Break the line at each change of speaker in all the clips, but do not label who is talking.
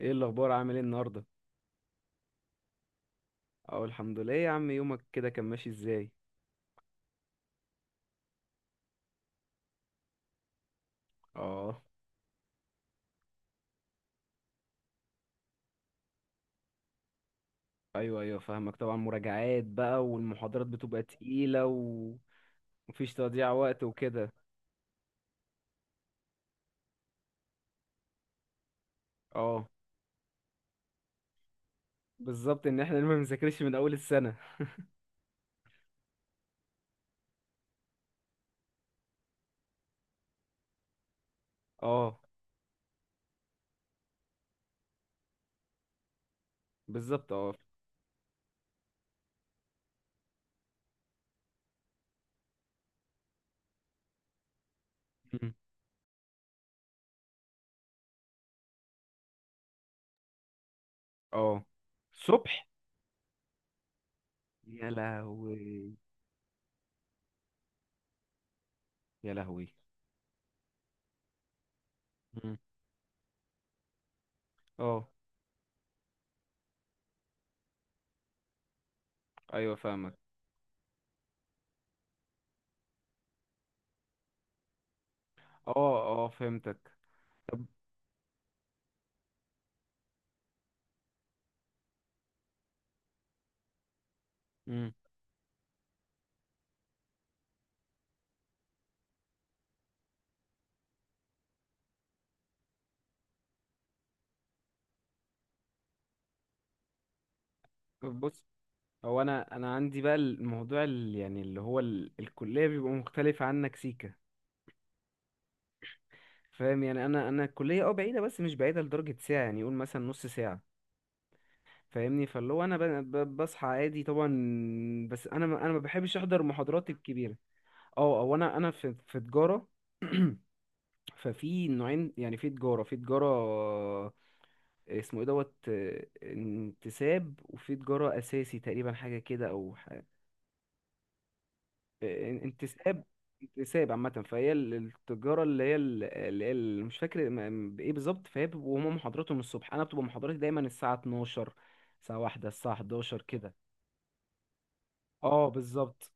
ايه الاخبار، عامل ايه النهارده؟ اه، الحمد لله. إيه يا عم، يومك كده كان ماشي ازاي؟ اه. ايوه ايوه، فاهمك طبعا. مراجعات بقى والمحاضرات بتبقى تقيله ومفيش تضييع وقت وكده. اه بالظبط، ان احنا ما بنذاكرش من اول السنه. اه بالظبط. اه. مم. اه، الصبح. يا لهوي، يا لهوي. مم. اه ايوه فاهمك. اه اه فهمتك. طب. مم. طب بص، هو انا عندي بقى الموضوع يعني اللي هو الكليه بيبقى مختلف عنك سيكا. فاهم يعني، انا الكليه اه بعيده، بس مش بعيده لدرجه ساعه، يعني يقول مثلا نص ساعه. فاهمني، فاللي هو انا بصحى عادي طبعا. بس انا ما بحبش احضر محاضرات الكبيره. اه، او انا في تجاره. ففي نوعين يعني، في تجاره في تجاره، اسمه ايه دوت انتساب، وفي تجارة اساسي تقريبا حاجة كده، او انتساب. انتساب عامة، فهي التجارة اللي هي مش فاكر بإيه بالظبط. فهي بيبقوا هما محاضراتهم الصبح، أنا بتبقى محاضراتي دايما الساعة 12، الساعة واحدة، الساعة 11 كده. اه بالظبط.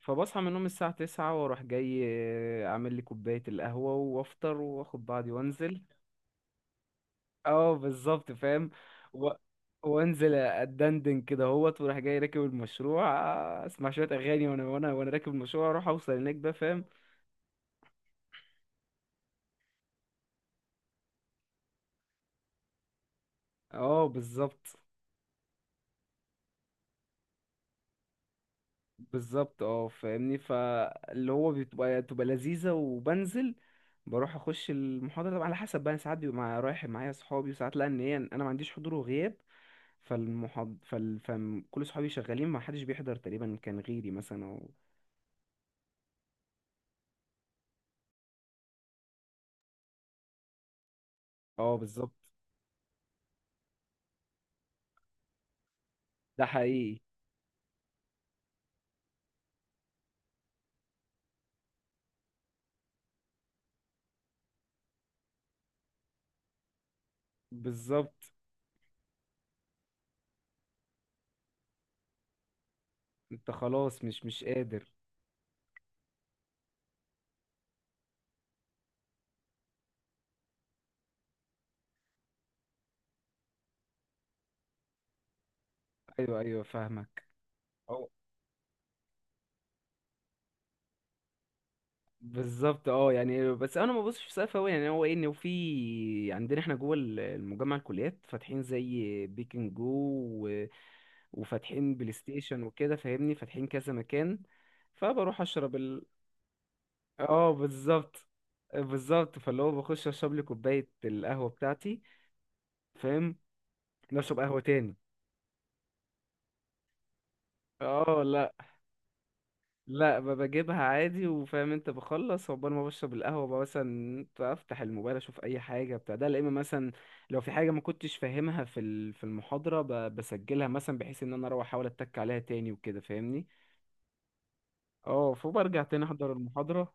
فبصحى من النوم الساعة 9 وأروح جاي، أعمل لي كوباية القهوة وأفطر وآخد بعضي وأنزل. اه بالظبط فاهم. و... وانزل اتدندن كده اهوت، وراح جاي راكب المشروع، اسمع شويه اغاني، وانا وانا راكب المشروع، اروح اوصل هناك بقى فاهم. اه بالظبط. بالظبط اه، فاهمني، فاللي هو بتبقى لذيذة وبنزل. بروح اخش المحاضرة طبعا، على حسب بقى، ساعات بيبقى مع، رايح معايا اصحابي، وساعات لا، ان هي انا ما عنديش حضور وغياب. فكل صحابي شغالين، ما حدش بيحضر تقريبا كان غيري مثلا او. اه بالظبط. ده حقيقي. بالظبط، انت خلاص مش قادر. ايوه ايوه فاهمك. أو- بالظبط اه، يعني بس انا ما ببصش في سقف قوي. يعني هو ايه، ان في عندنا احنا جوه المجمع الكليات فاتحين زي بيكن جو. و... وفاتحين بلاي ستيشن وكده، فاهمني، فاتحين كذا مكان. فبروح اشرب ال... اه بالظبط. بالظبط، فاللي هو بخش اشرب لي كوبايه القهوه بتاعتي. فاهم. نشرب قهوه تاني. اه لا. لا، بجيبها عادي، وفاهم انت، بخلص عقبال ما بشرب القهوة بقى، مثلا افتح الموبايل، اشوف اي حاجة بتاع ده. لا، اما مثلا لو في حاجة ما كنتش فاهمها في في المحاضرة، بسجلها مثلا، بحيث ان انا اروح احاول اتك عليها تاني وكده فاهمني. اه، فبرجع تاني احضر المحاضرة.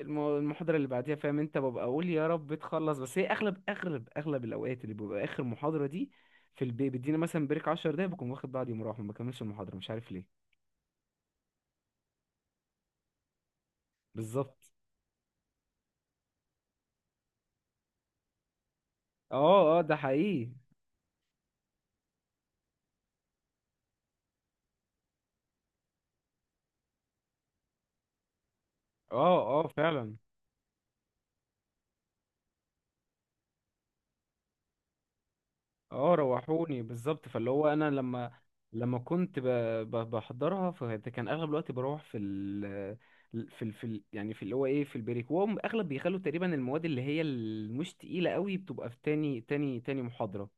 المحاضرة اللي بعديها، فاهم انت، ببقى اقول يا رب تخلص. بس هي اغلب الاوقات اللي بيبقى اخر محاضرة دي في البيت، بيدينا مثلا بريك 10 دقايق، بكون واخد بعضي ومروح، ما بكملش المحاضرة، مش عارف ليه. بالظبط. اه اه ده حقيقي. اه اه فعلا. اه روحوني. بالظبط، فاللي هو انا لما، لما كنت ب... بحضرها، فكان اغلب الوقت بروح في يعني في اللي هو ايه، في البريك، وهم اغلب بيخلوا تقريبا المواد اللي هي المش تقيله قوي بتبقى في تاني محاضره،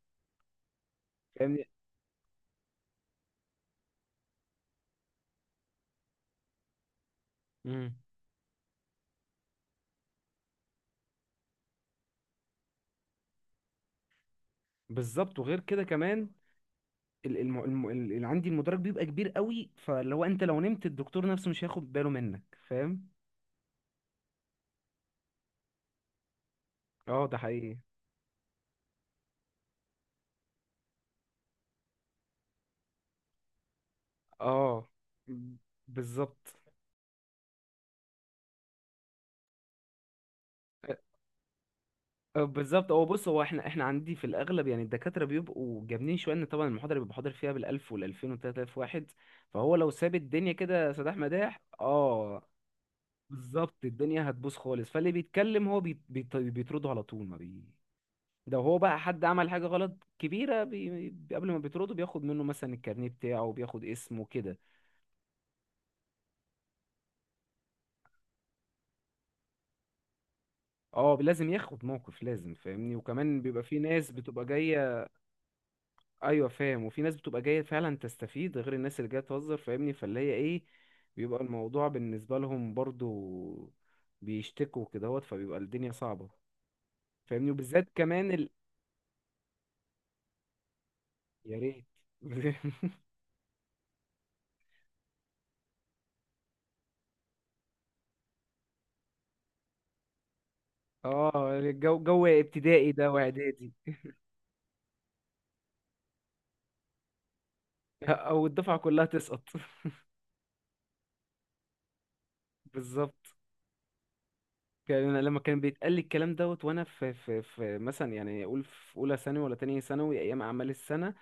فاهمني. امم. بالظبط، وغير كده كمان الم... اللي عندي المدرج بيبقى كبير قوي، فاللي هو انت لو نمت الدكتور نفسه مش هياخد باله منك، فاهم. اه ده حقيقي. اه بالظبط. بالظبط. هو بص، هو احنا عندي في الاغلب يعني الدكاتره بيبقوا جامدين شويه، ان طبعا المحاضره بيبقى حاضر فيها بالالف والالفين والتلات الاف واحد، فهو لو ساب الدنيا كده سداح مداح، اه. بالظبط، الدنيا هتبوظ خالص. فاللي بيتكلم هو بي بي بيطرده على طول، ما بي، ده هو بقى حد عمل حاجه غلط كبيره، قبل ما بيطرده بياخد منه مثلا الكارنيه بتاعه وبياخد اسمه كده. اه لازم ياخد موقف، لازم، فاهمني. وكمان بيبقى في ناس بتبقى جايه. ايوه فاهم، وفي ناس بتبقى جايه فعلا تستفيد، غير الناس اللي جايه تهزر، فاهمني، فاللي هي ايه، بيبقى الموضوع بالنسبه لهم برضو بيشتكوا كدهوت، فبيبقى الدنيا صعبه، فاهمني. وبالذات كمان يا ريت. اه، الجو ابتدائي ده واعدادي. او الدفعه كلها تسقط. بالظبط. كان أنا لما كان بيتقال لي الكلام دوت وانا في مثلا، يعني اقول في اولى ثانوي ولا تانية ثانوي، ايام اعمال السنه،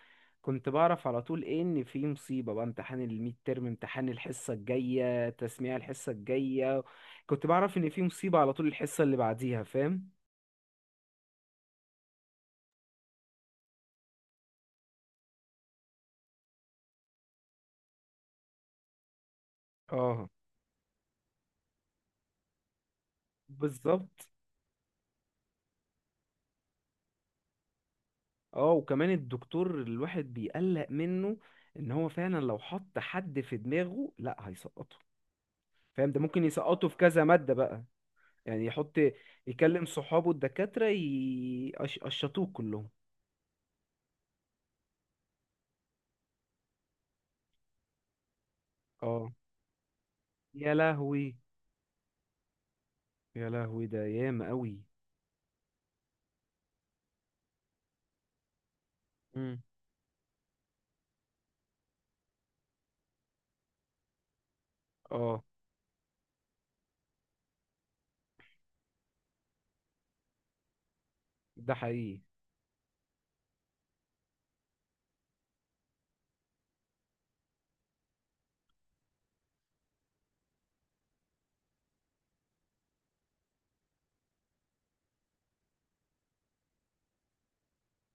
كنت بعرف على طول ايه، ان في مصيبه بقى، امتحان الميد ترم، امتحان الحصه الجايه، تسميع الحصه الجايه. كنت بعرف ان في مصيبه على طول الحصه اللي بعديها، فاهم. اه بالظبط. اه، وكمان الدكتور الواحد بيقلق منه، ان هو فعلا لو حط حد في دماغه لا هيسقطه، فاهم، ده ممكن يسقطه في كذا ماده بقى، يعني يحط، يكلم صحابه الدكاترة يقشطوه كلهم. اه. يا لهوي، يا لهوي، ده ياما قوي. امم. اه ده حقيقي.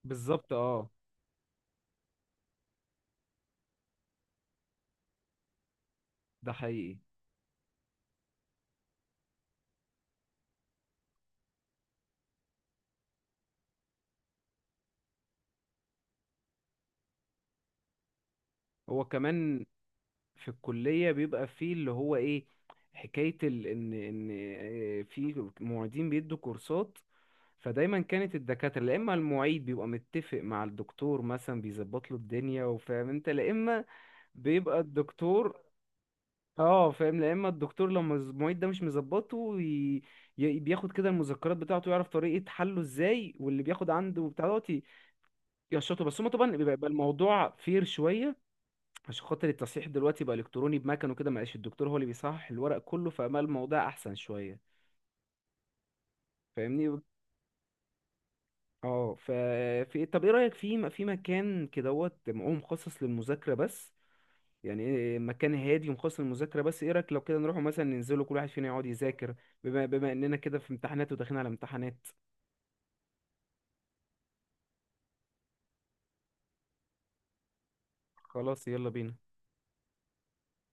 بالظبط، اه ده حقيقي. هو كمان في الكلية بيبقى فيه اللي هو ايه، ان في معيدين بيدوا كورسات، فدايما كانت الدكاترة، لا اما المعيد بيبقى متفق مع الدكتور مثلا، بيظبط له الدنيا، وفاهم انت، لا اما بيبقى الدكتور، اه فاهم، يا اما الدكتور لما المعيد ده مش مظبطه بياخد كده المذكرات بتاعته، يعرف طريقة حله ازاي، واللي بياخد عنده بتاع دوت يشطه. بس هما طبعا بيبقى الموضوع فير شوية عشان خاطر التصحيح دلوقتي بقى الكتروني بمكن وكده، مبقاش الدكتور هو اللي بيصحح الورق كله، فبقى الموضوع احسن شوية، فاهمني. اه ف، في إيه، طب ايه رأيك في مكان كدهوت معاه مخصص للمذاكرة بس، يعني إيه، مكان هادي ومخصص للمذاكرة بس، ايه رأيك لو كده نروحوا مثلا ننزلوا كل واحد فينا يقعد يذاكر، بما اننا كده في امتحانات وداخلين على امتحانات؟ خلاص يلا بينا.